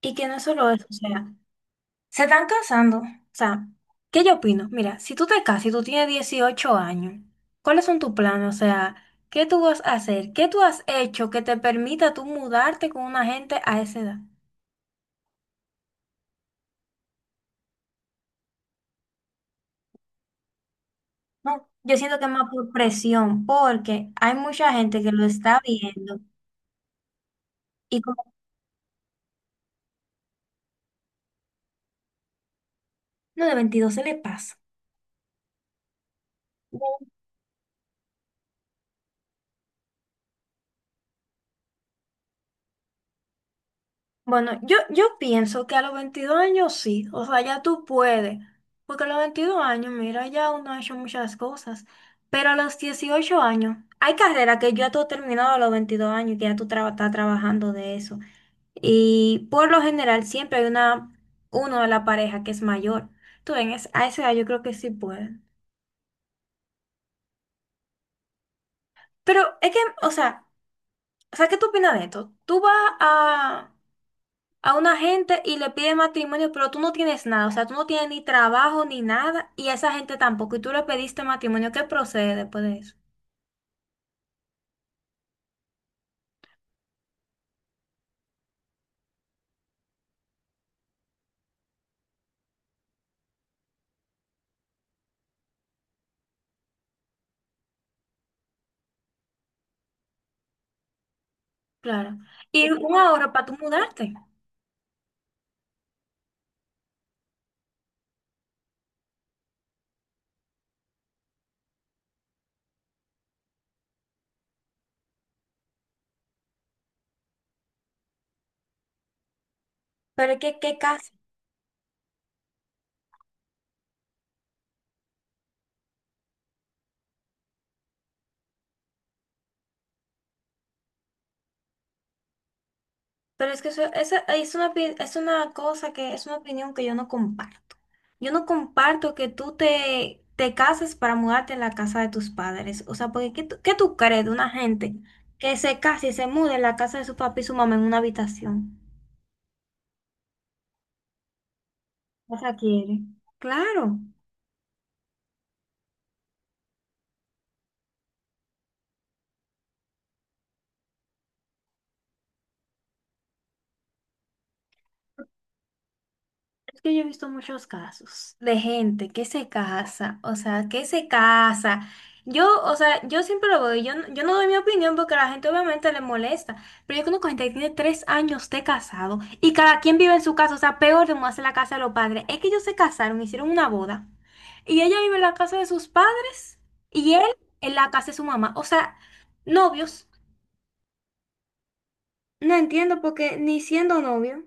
Y que no es solo eso, o sea, se están casando. O sea, ¿qué yo opino? Mira, si tú te casas y tú tienes 18 años, ¿cuáles son tus planes? O sea, ¿qué tú vas a hacer? ¿Qué tú has hecho que te permita tú mudarte con una gente a esa edad? No, yo siento que es más por presión, porque hay mucha gente que lo está viendo y como no de 22 se le pasa. Bueno, yo pienso que a los 22 años sí, o sea, ya tú puedes, porque a los 22 años, mira, ya uno ha hecho muchas cosas, pero a los 18 años, hay carreras que ya tú has terminado a los 22 años y que ya tú estás trabajando de eso, y por lo general siempre hay uno de la pareja que es mayor, tú ven, a esa edad yo creo que sí pueden, pero es que, o sea, ¿qué tú opinas de esto? Tú vas a a una gente y le pide matrimonio, pero tú no tienes nada, o sea, tú no tienes ni trabajo ni nada, y a esa gente tampoco, y tú le pediste matrimonio, ¿qué procede después de eso? Claro. Y un ahorro para tú mudarte. Pero es que, ¿qué casa? Pero es que eso, es una cosa que es una opinión que yo no comparto. Yo no comparto que tú te cases para mudarte a la casa de tus padres. O sea, porque ¿qué tú crees de una gente que se case y se mude en la casa de su papá y su mamá en una habitación? No se quiere. Claro, es que yo he visto muchos casos de gente que se casa, o sea, que se casa. Yo, o sea, yo siempre lo veo, yo, yo no doy mi opinión porque a la gente obviamente le molesta, pero yo conozco gente que tiene 3 años de casado y cada quien vive en su casa, o sea, peor de mudarse a la casa de los padres. Es que ellos se casaron, hicieron una boda y ella vive en la casa de sus padres y él en la casa de su mamá, o sea, novios. No entiendo porque ni siendo novio.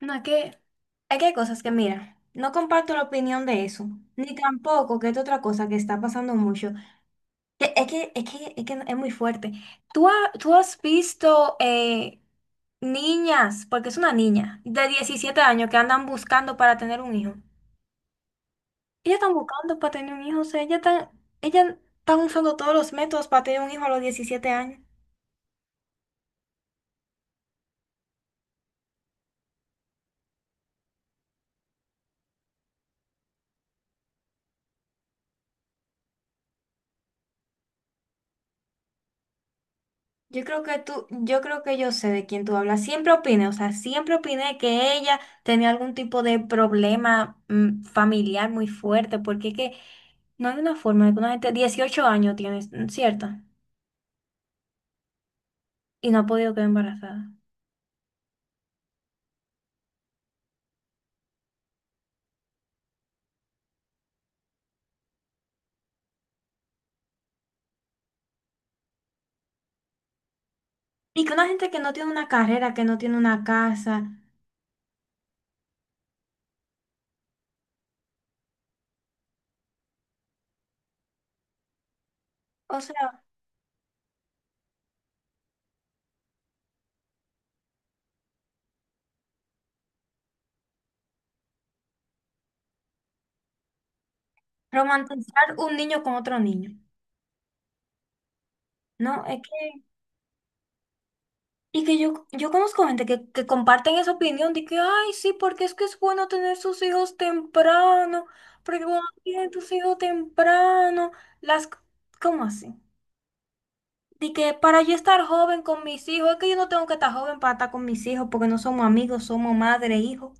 No, es que hay cosas que, mira, no comparto la opinión de eso, ni tampoco que es otra cosa que está pasando mucho. Es que es muy fuerte. ¿Tú has visto niñas, porque es una niña, de 17 años que andan buscando para tener un hijo? Ellas están buscando para tener un hijo, o sea, ellas están usando todos los métodos para tener un hijo a los 17 años. Yo creo que yo sé de quién tú hablas. O sea, siempre opiné que ella tenía algún tipo de problema familiar muy fuerte, porque es que no hay una forma de que una gente, 18 años tienes, ¿cierto? Y no ha podido quedar embarazada. Y que una gente que no tiene una carrera, que no tiene una casa, o sea, romantizar un niño con otro niño. No, es Y que yo conozco gente que comparten esa opinión de que, ay, sí, porque es que es bueno tener sus hijos temprano, porque cuando tienes tus hijos temprano, las... c- ¿Cómo así? De que para yo estar joven con mis hijos, es que yo no tengo que estar joven para estar con mis hijos, porque no somos amigos, somos madre e hijo.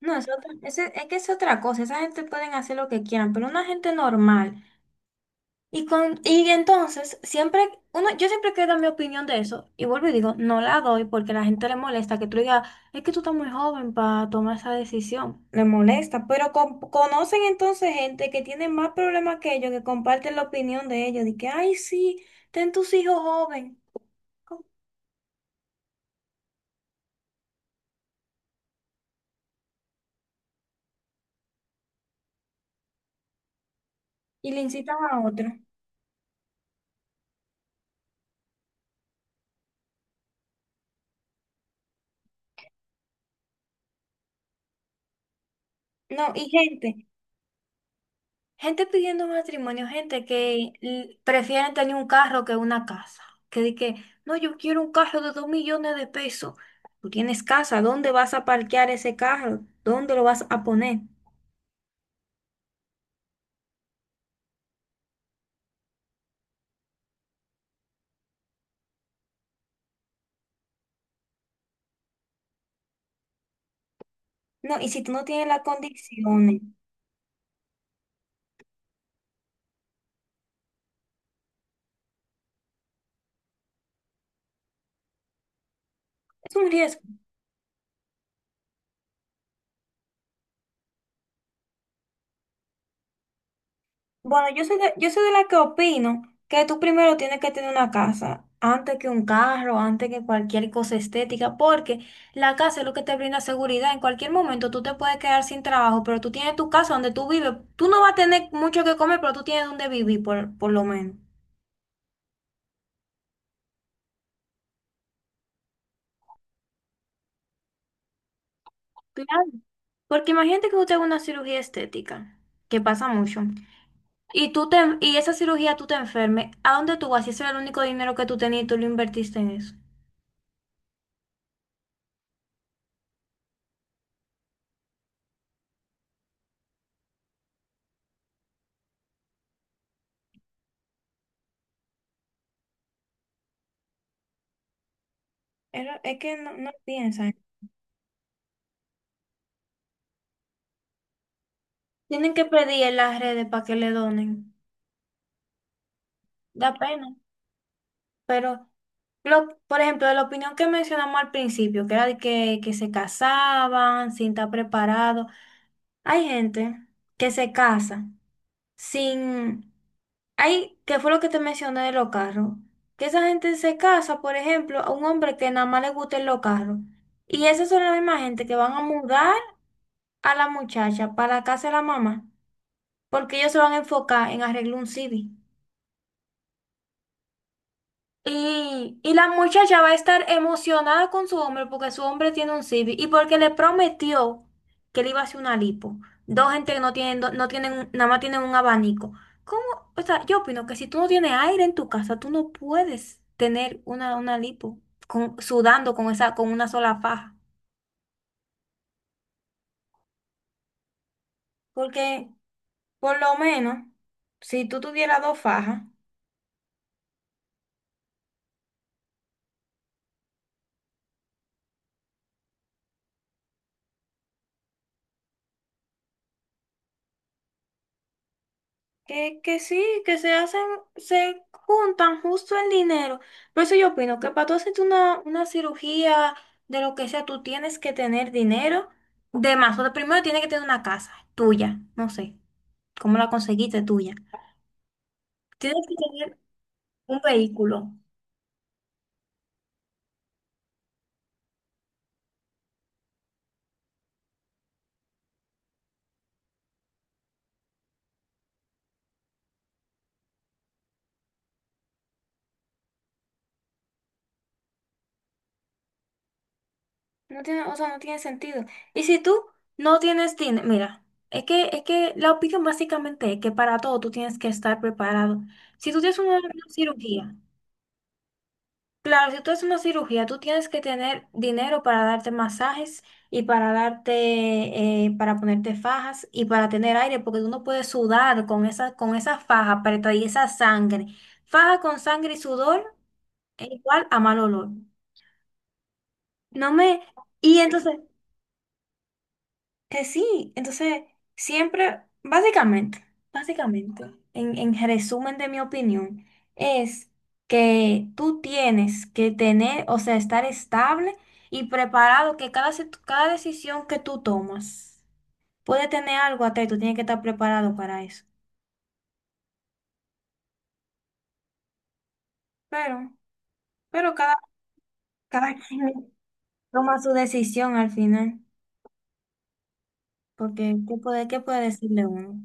No, es otra, ese- es, que es otra cosa, esa gente pueden hacer lo que quieran, pero una gente normal. Y entonces, siempre, yo siempre quiero dar mi opinión de eso y vuelvo y digo, no la doy porque a la gente le molesta que tú digas, es que tú estás muy joven para tomar esa decisión. Le molesta, pero conocen entonces gente que tiene más problemas que ellos, que comparten la opinión de ellos, de que, ay, sí, ten tus hijos joven y le incitan a otro. No, y gente. Gente pidiendo matrimonio, gente que prefieren tener un carro que una casa. Que di que, no, yo quiero un carro de 2 millones de pesos. Tú tienes casa, ¿dónde vas a parquear ese carro? ¿Dónde lo vas a poner? No, y si tú no tienes las condiciones, es un riesgo. Bueno, yo soy de la que opino que tú primero tienes que tener una casa, antes que un carro, antes que cualquier cosa estética, porque la casa es lo que te brinda seguridad. En cualquier momento tú te puedes quedar sin trabajo, pero tú tienes tu casa donde tú vives. Tú no vas a tener mucho que comer, pero tú tienes donde vivir, por lo menos. Claro. Porque imagínate que tú te hagas una cirugía estética, que pasa mucho, y y esa cirugía tú te enfermes, ¿a dónde tú vas? Si ese era el único dinero que tú tenías y tú lo invertiste en eso. Es que no piensa. Tienen que pedir en las redes para que le donen. Da pena. Pero, por ejemplo, de la opinión que mencionamos al principio, que era de que se casaban sin estar preparados. Hay gente que se casa sin. Hay, que fue lo que te mencioné de los carros. Que esa gente se casa, por ejemplo, a un hombre que nada más le gusten los carros. Y esas son las mismas gente que van a mudar a la muchacha para la casa de la mamá. Porque ellos se van a enfocar en arreglar un CD. Y la muchacha va a estar emocionada con su hombre porque su hombre tiene un Civic y porque le prometió que le iba a hacer una lipo. Dos gente que no tienen, no tienen, nada más tienen un abanico. ¿Cómo? O sea, yo opino que si tú no tienes aire en tu casa, tú no puedes tener una lipo sudando con con una sola faja. Porque, por lo menos, si tú tuvieras dos fajas. Que, sí, que se hacen, se juntan justo el dinero. Por eso yo opino que para tú hacerte una cirugía de lo que sea, tú tienes que tener dinero de más. O sea, primero tienes que tener una casa tuya, no sé, cómo la conseguiste tuya. Tienes que tener un vehículo. No tiene, o sea, no tiene sentido. Y si tú no tienes dinero, mira, es que la opinión básicamente es que para todo tú tienes que estar preparado. Si tú tienes una cirugía. Claro, si tú haces una cirugía, tú tienes que tener dinero para darte masajes y para darte, para ponerte fajas y para tener aire, porque tú no puedes sudar con esa faja apretada y esa sangre. Faja con sangre y sudor es igual a mal olor. No me, y entonces Que sí, entonces siempre, básicamente, en resumen de mi opinión, es que tú tienes que tener, o sea, estar estable y preparado, que cada decisión que tú tomas puede tener algo atrás, y tú tienes que estar preparado para eso. Pero, pero, cada quien toma su decisión al final, porque ¿qué puede decirle uno?